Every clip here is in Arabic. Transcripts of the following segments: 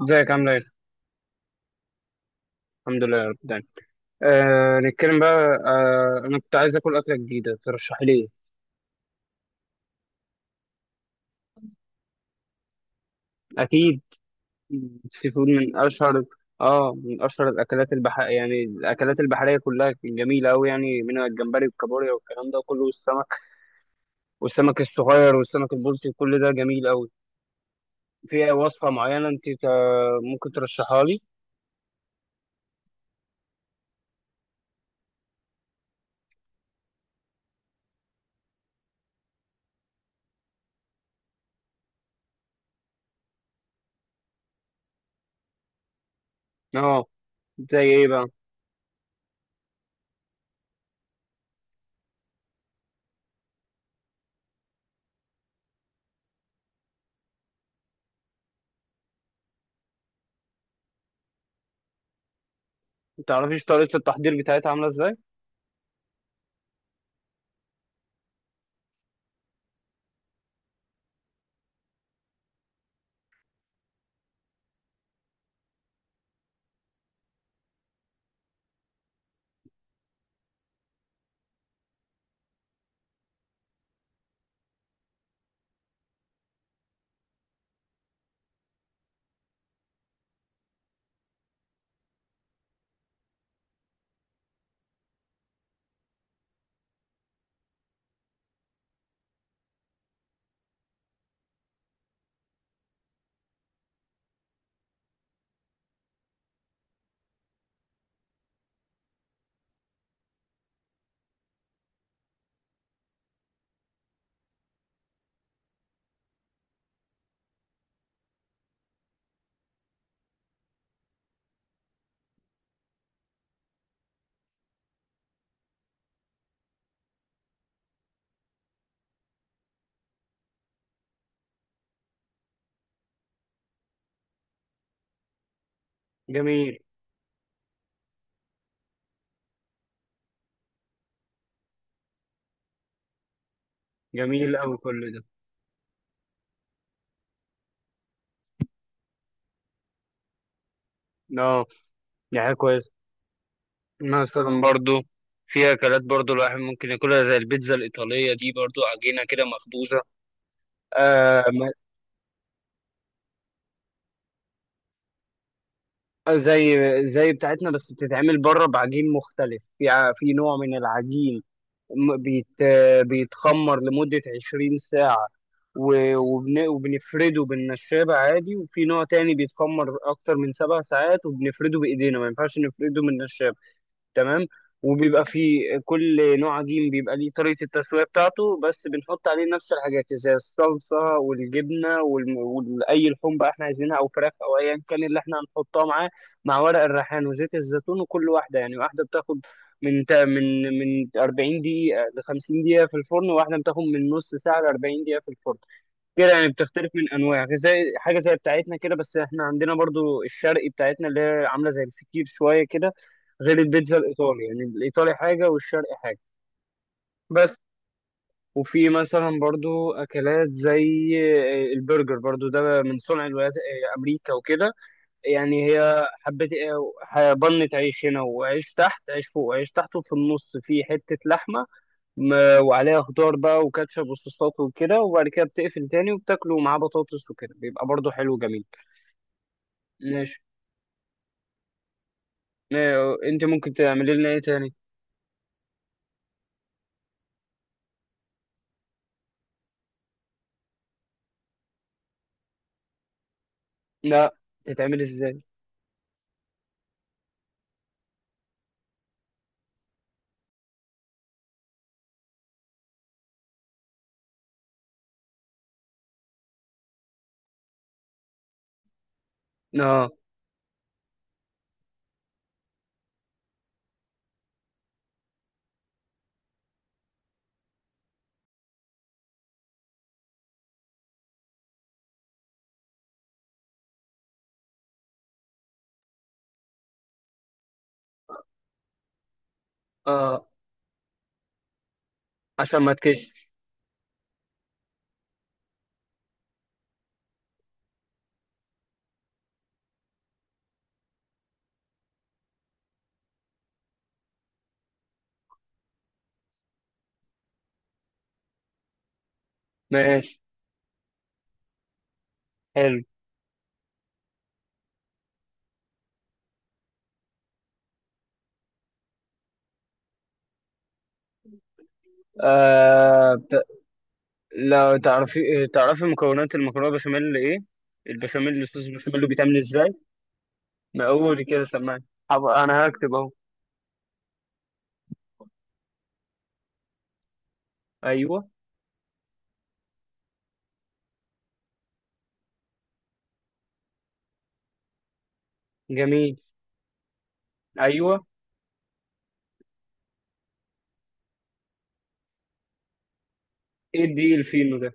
ازيك عامله ايه؟ الحمد لله يا رب دايما. آه نتكلم بقى. آه انا كنت عايز اكل اكله جديده، ترشحي لي ايه؟ اكيد. السي فود من اشهر، اه من اشهر الاكلات يعني الاكلات البحريه كلها جميله قوي، يعني منها الجمبري والكابوريا والكلام ده كله والسمك، والسمك الصغير والسمك البلطي، كل ده جميل قوي. في وصفه معينه انت ممكن ترشحها لي؟ اه. زي ايه بقى؟ ما تعرفيش طريقه التحضير بتاعتها عامله ازاي؟ جميل، جميل قوي كل ده. اه، يعني كويس. مثلا برضو في أكلات برضو الواحد ممكن ياكلها زي البيتزا الإيطالية دي، برضو عجينة كده مخبوزة. آه ما- زي زي بتاعتنا، بس بتتعمل بره بعجين مختلف، في في نوع من العجين بيتخمر لمدة 20 ساعة، وبنفرده بالنشابة عادي. وفي نوع تاني بيتخمر أكتر من 7 ساعات وبنفرده بإيدينا، ما ينفعش نفرده من النشابة. تمام. وبيبقى في كل نوع عجين بيبقى ليه طريقة التسوية بتاعته، بس بنحط عليه نفس الحاجات زي الصلصة والجبنة وأي لحوم بقى احنا عايزينها، أو فراخ أو أيا كان اللي احنا هنحطها معاه، مع ورق الريحان وزيت الزيتون. وكل واحدة يعني واحدة بتاخد من تا- من من 40 دقيقة ل 50 دقيقة في الفرن، وواحدة بتاخد من نص ساعة ل 40 دقيقة في الفرن. كده يعني بتختلف من انواع، زي حاجه زي بتاعتنا كده. بس احنا عندنا برضو الشرقي بتاعتنا، اللي هي عامله زي الفطير شويه كده، غير البيتزا الايطالي، يعني الايطالي حاجه والشرقي حاجه. بس. وفي مثلا برضو اكلات زي البرجر، برضو ده من صنع الولايات امريكا وكده. يعني هي حبه بنت عيش هنا، وعيش تحت، عيش فوق وعيش تحت، وفي النص في حته لحمه، م- وعليها خضار بقى وكاتشب وصوصات وكده، وبعد كده بتقفل تاني وبتاكله معاه بطاطس وكده، بيبقى برضه حلو جميل. ماشي. انت ممكن تعملي لنا ايه تاني؟ لا، تتعمل ازاي؟ اه، اه. عشان ما تكش. ماشي. حلو. آه ت- لا تعرفي، تعرفي مكونات المكرونه بشاميل ايه؟ البشاميل، الصوص البشاميل بيتعمل ازاي؟ ما قولي كده سمعني، انا هكتب اهو. ايوه. جميل. ايوه. ايه الدقيق الفينو ده؟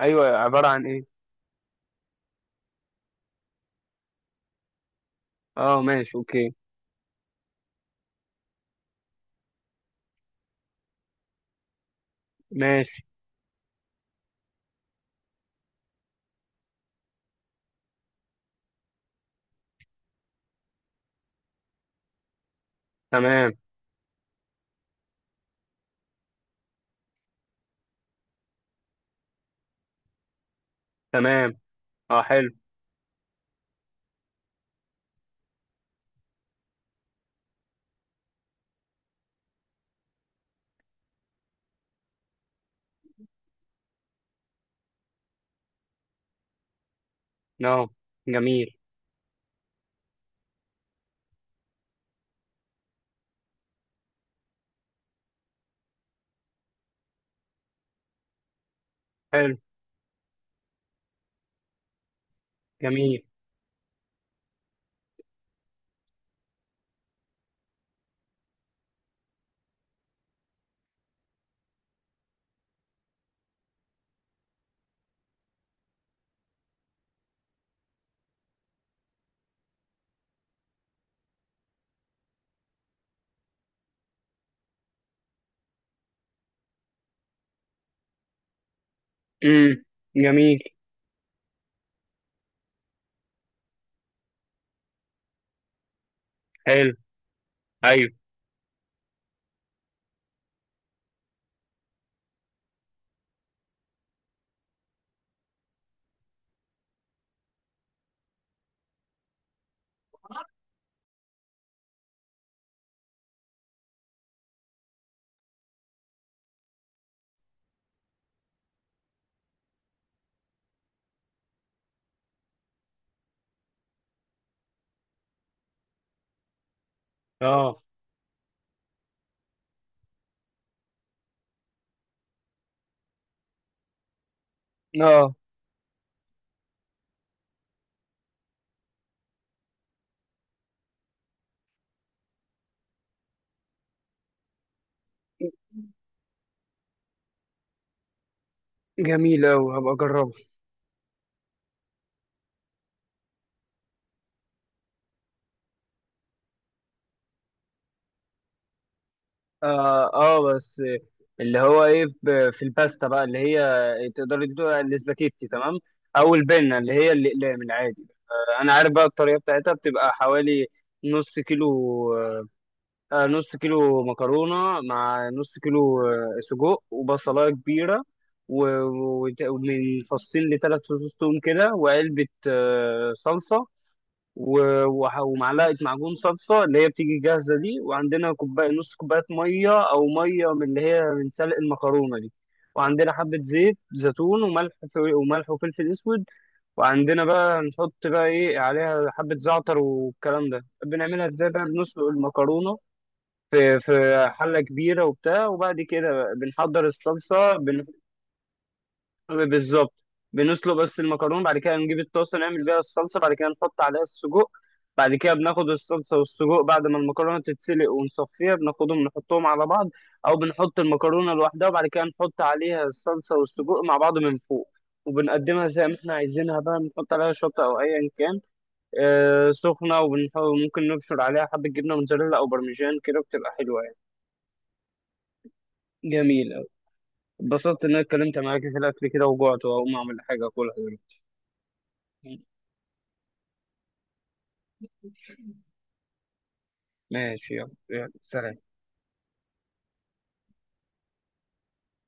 ايوه، عباره عن ايه؟ اه ماشي اوكي. ماشي. تمام. تمام. اه، حلو. نعم. جميل. حلو. جميل. امم. جميل. حلو. ايوه. اه، اه. جميل اوي، هبقى اجربه. اه، اه، بس اللي هو ايه في الباستا بقى، اللي هي تقدري تدوها الاسباجيتي تمام، او البنه اللي هي الاقلام العادي. آه، انا عارف بقى الطريقه بتاعتها، بتبقى حوالي نص كيلو، نص كيلو مكرونة، مع نص كيلو سجق، وبصلاية كبيرة، ومن فصين لثلاث فصوص توم كده، وعلبة صلصة، ومعلقة معجون صلصة اللي هي بتيجي جاهزة دي، وعندنا كوباية، نص كوباية مية، أو مية من اللي هي من سلق المكرونة دي، وعندنا حبة زيت زيتون وملح، وملح وفلفل أسود، وعندنا بقى نحط بقى إيه عليها حبة زعتر والكلام ده. بنعملها إزاي بقى؟ بنسلق المكرونة في حلة كبيرة وبتاع، وبعد كده بنحضر الصلصة. بالظبط. بنسلق بس المكرونة، بعد كده نجيب الطاسة نعمل بيها الصلصة، بعد كده نحط عليها السجق. بعد كده بناخد الصلصة والسجق بعد ما المكرونة تتسلق ونصفيها، بناخدهم نحطهم على بعض، أو بنحط المكرونة لوحدها وبعد كده نحط عليها الصلصة والسجق مع بعض من فوق، وبنقدمها زي ما احنا عايزينها بقى، بنحط عليها شطة أو أيا كان، آه سخنة. وممكن نبشر عليها حبة جبنة موتزاريلا أو برمجان كده، بتبقى حلوة يعني، جميلة. اتبسطت إن أنا اتكلمت معاك في الأكل كده، وجعت وهقوم أعمل حاجة أكلها دلوقتي. ماشي، يلا يلا، سلام.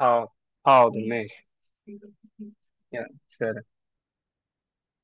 حاضر، حاضر ماشي. يلا سلام.